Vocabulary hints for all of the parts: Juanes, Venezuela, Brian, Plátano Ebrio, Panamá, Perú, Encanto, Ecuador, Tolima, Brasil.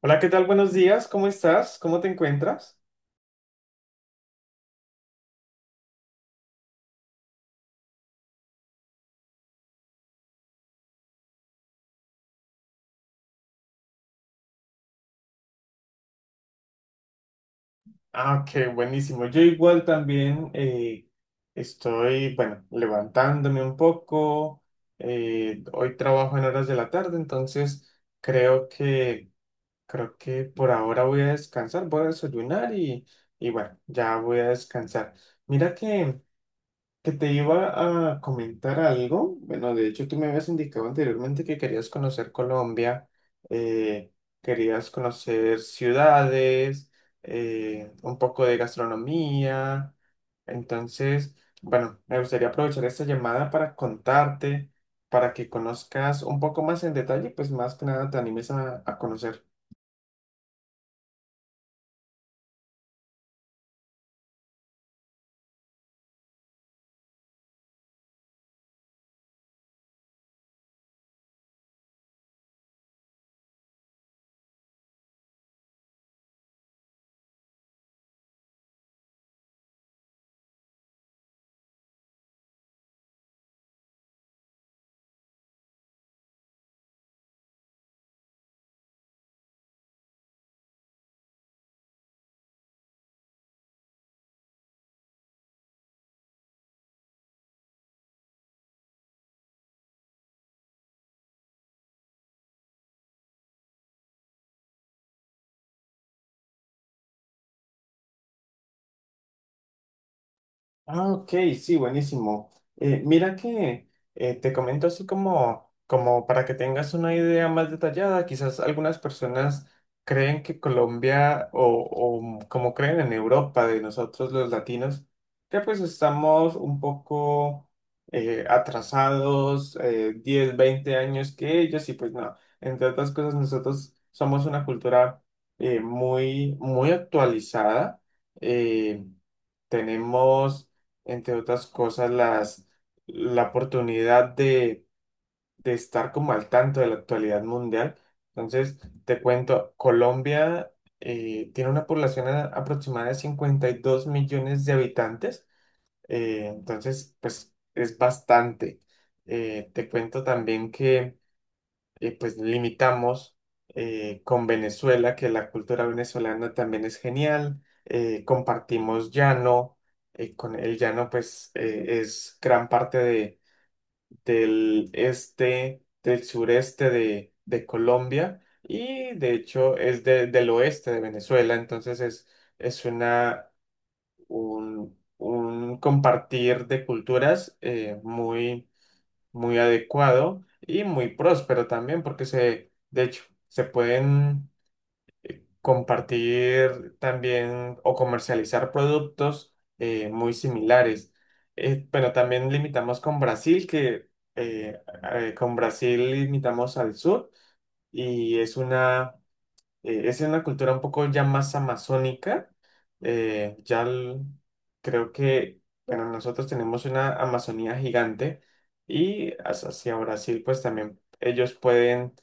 Hola, ¿qué tal? Buenos días, ¿cómo estás? ¿Cómo te encuentras? Ah, qué buenísimo. Yo igual también estoy, bueno, levantándome un poco. Hoy trabajo en horas de la tarde, entonces creo que, creo que por ahora voy a descansar, voy a desayunar y bueno, ya voy a descansar. Mira que te iba a comentar algo. Bueno, de hecho, tú me habías indicado anteriormente que querías conocer Colombia, eh, querías conocer ciudades, un poco de gastronomía. Entonces, bueno, me gustaría aprovechar esta llamada para contarte, para que conozcas un poco más en detalle, pues más que nada te animes a conocer. Ah, ok, sí, buenísimo. Mira que te comento así como, como para que tengas una idea más detallada, quizás algunas personas creen que Colombia o como creen en Europa de nosotros los latinos, que pues estamos un poco atrasados, 10, 20 años que ellos y pues no, entre otras cosas nosotros somos una cultura muy, muy actualizada. eh, Tenemos entre otras cosas, las, la oportunidad de estar como al tanto de la actualidad mundial. Entonces, te cuento, Colombia tiene una población aproximada de 52 millones de habitantes, entonces, pues es bastante. Te cuento también que y pues limitamos con Venezuela, que la cultura venezolana también es genial, compartimos llano, con el llano pues es gran parte de, del este, del sureste de Colombia y de hecho es del oeste de Venezuela, entonces es una, un compartir de culturas muy muy adecuado y muy próspero también, porque se, de hecho, se pueden compartir también o comercializar productos muy similares. Pero también limitamos con Brasil, que eh, con Brasil limitamos al sur y es una cultura un poco ya más amazónica. eh, ya el- Creo que, bueno, nosotros tenemos una Amazonía gigante y hacia Brasil, pues también ellos pueden,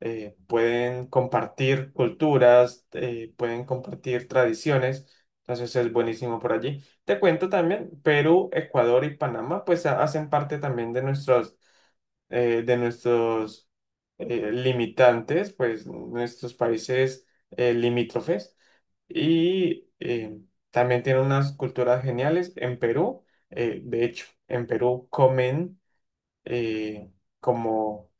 pueden compartir culturas, pueden compartir tradiciones. Entonces es buenísimo por allí. Te cuento también, Perú, Ecuador y Panamá, pues hacen parte también de nuestros eh, de nuestros limitantes, pues nuestros países limítrofes. Y también tienen unas culturas geniales en Perú. De hecho, en Perú comen eh, como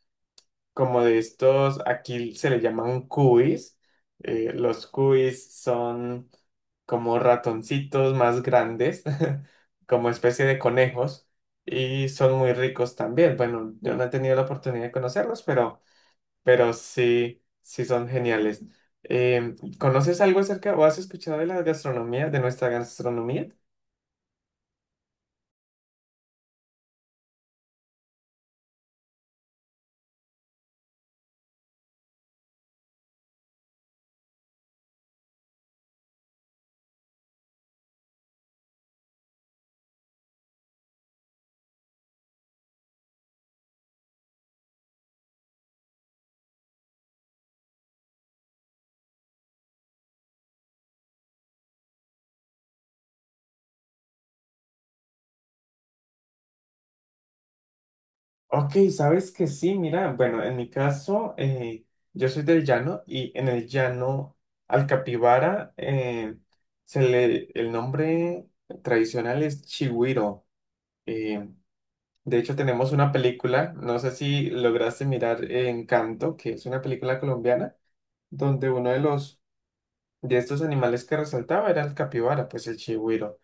como de estos, aquí se le llaman cuis. Los cuis son como ratoncitos más grandes, como especie de conejos, y son muy ricos también. Bueno, yo no he tenido la oportunidad de conocerlos, pero sí, sí son geniales. ¿Conoces algo acerca o has escuchado de la gastronomía, de nuestra gastronomía? Ok, sabes que sí, mira, bueno, en mi caso, yo soy del llano y en el llano al capibara se le, el nombre tradicional es chigüiro. Eh, de hecho, tenemos una película, no sé si lograste mirar Encanto, que es una película colombiana, donde uno de los de estos animales que resaltaba era el capibara, pues el chigüiro.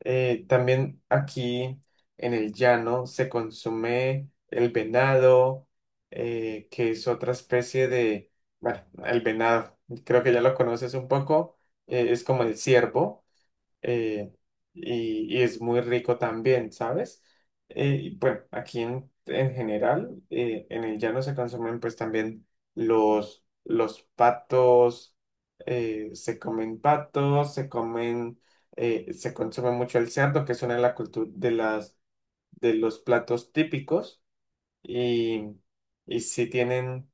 También aquí en el llano se consume el venado, que es otra especie de, bueno, el venado, creo que ya lo conoces un poco, es como el ciervo eh, y es muy rico también, ¿sabes? Y bueno, aquí en general, en el llano se consumen pues también los patos, se comen patos, se comen, se consume mucho el cerdo, que es una de, de las, de los platos típicos, y, y sí tienen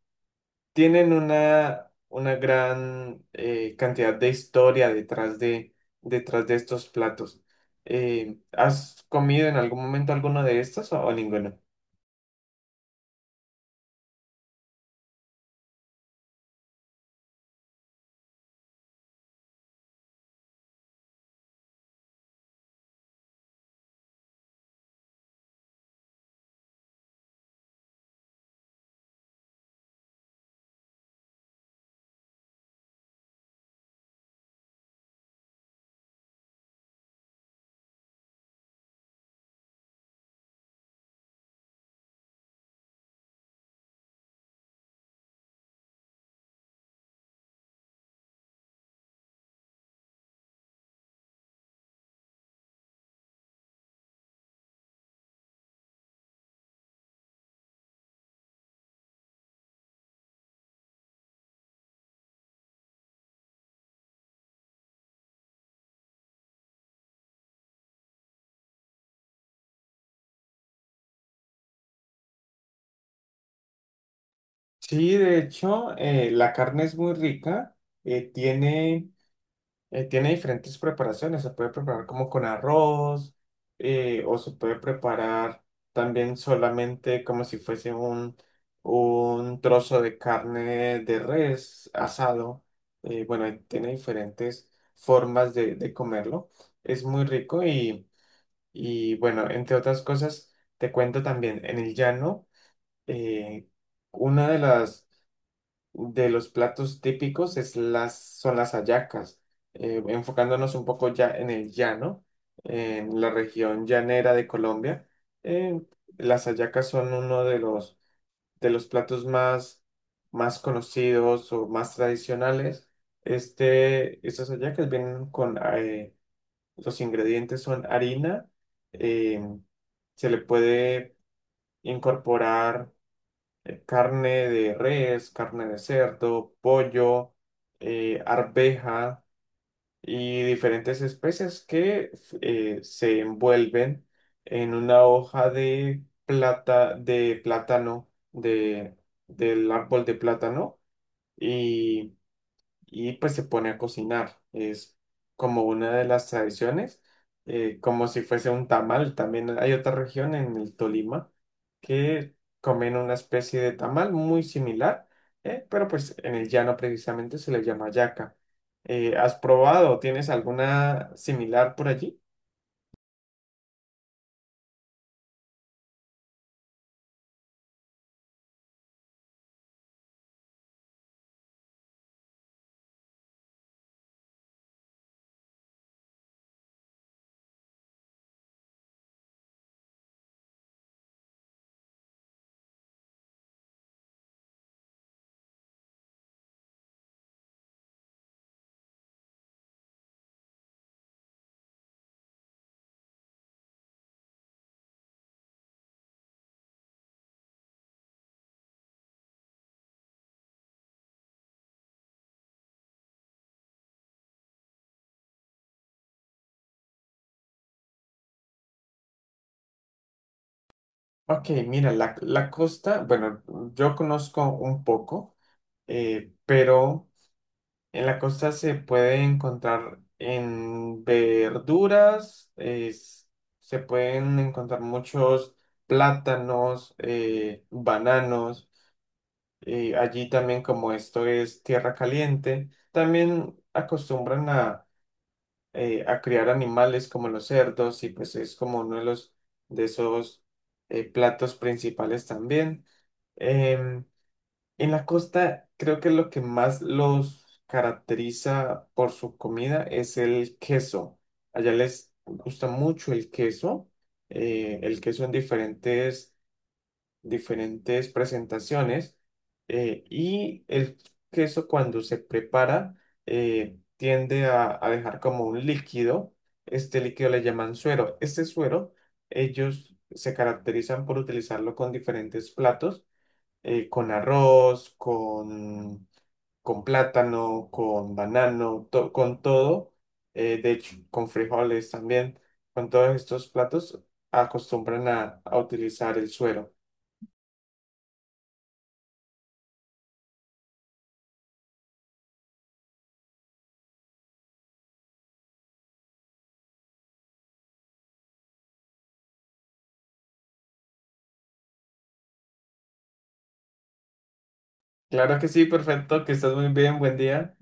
tienen una gran cantidad de historia detrás de estos platos. ¿Has comido en algún momento alguno de estos o ninguno? Sí, de hecho, la carne es muy rica, tiene... tiene diferentes preparaciones, se puede preparar como con arroz o se puede preparar también solamente como si fuese un trozo de carne de res asado. Bueno, tiene diferentes formas de comerlo. Es muy rico y bueno, entre otras cosas, te cuento también, en el llano, eh, una de las de los platos típicos es las, son las hallacas, enfocándonos un poco ya en el llano, en la región llanera de Colombia. eh, las hallacas son uno de los platos más, más conocidos o más tradicionales. Este, estas hallacas vienen con, los ingredientes son harina, eh, se le puede incorporar carne de res, carne de cerdo, pollo, arveja y diferentes especies se envuelven en una hoja de plata, de plátano, de, del árbol de plátano y pues se pone a cocinar. Es como una de las tradiciones, como si fuese un tamal. También hay otra región en el Tolima que comen una especie de tamal muy similar, pero pues en el llano precisamente se le llama yaca. ¿Has probado? ¿Tienes alguna similar por allí? Ok, mira, la costa, bueno, yo conozco un poco, pero... En la costa se puede encontrar en verduras, se pueden encontrar muchos plátanos, bananos. Allí también, como esto es tierra caliente, también acostumbran a criar animales como los cerdos y pues es como uno de los de esos platos principales también. Em, en la costa, creo que lo que más los caracteriza por su comida es el queso. Allá les gusta mucho el queso en diferentes, diferentes presentaciones. Y el queso cuando se prepara tiende a dejar como un líquido. Este líquido le llaman suero. Este suero, ellos se caracterizan por utilizarlo con diferentes platos con arroz, con plátano, con banano, con todo, de hecho, con frijoles también, con todos estos platos acostumbran a utilizar el suero. Claro que sí, perfecto, que estás muy bien, buen día.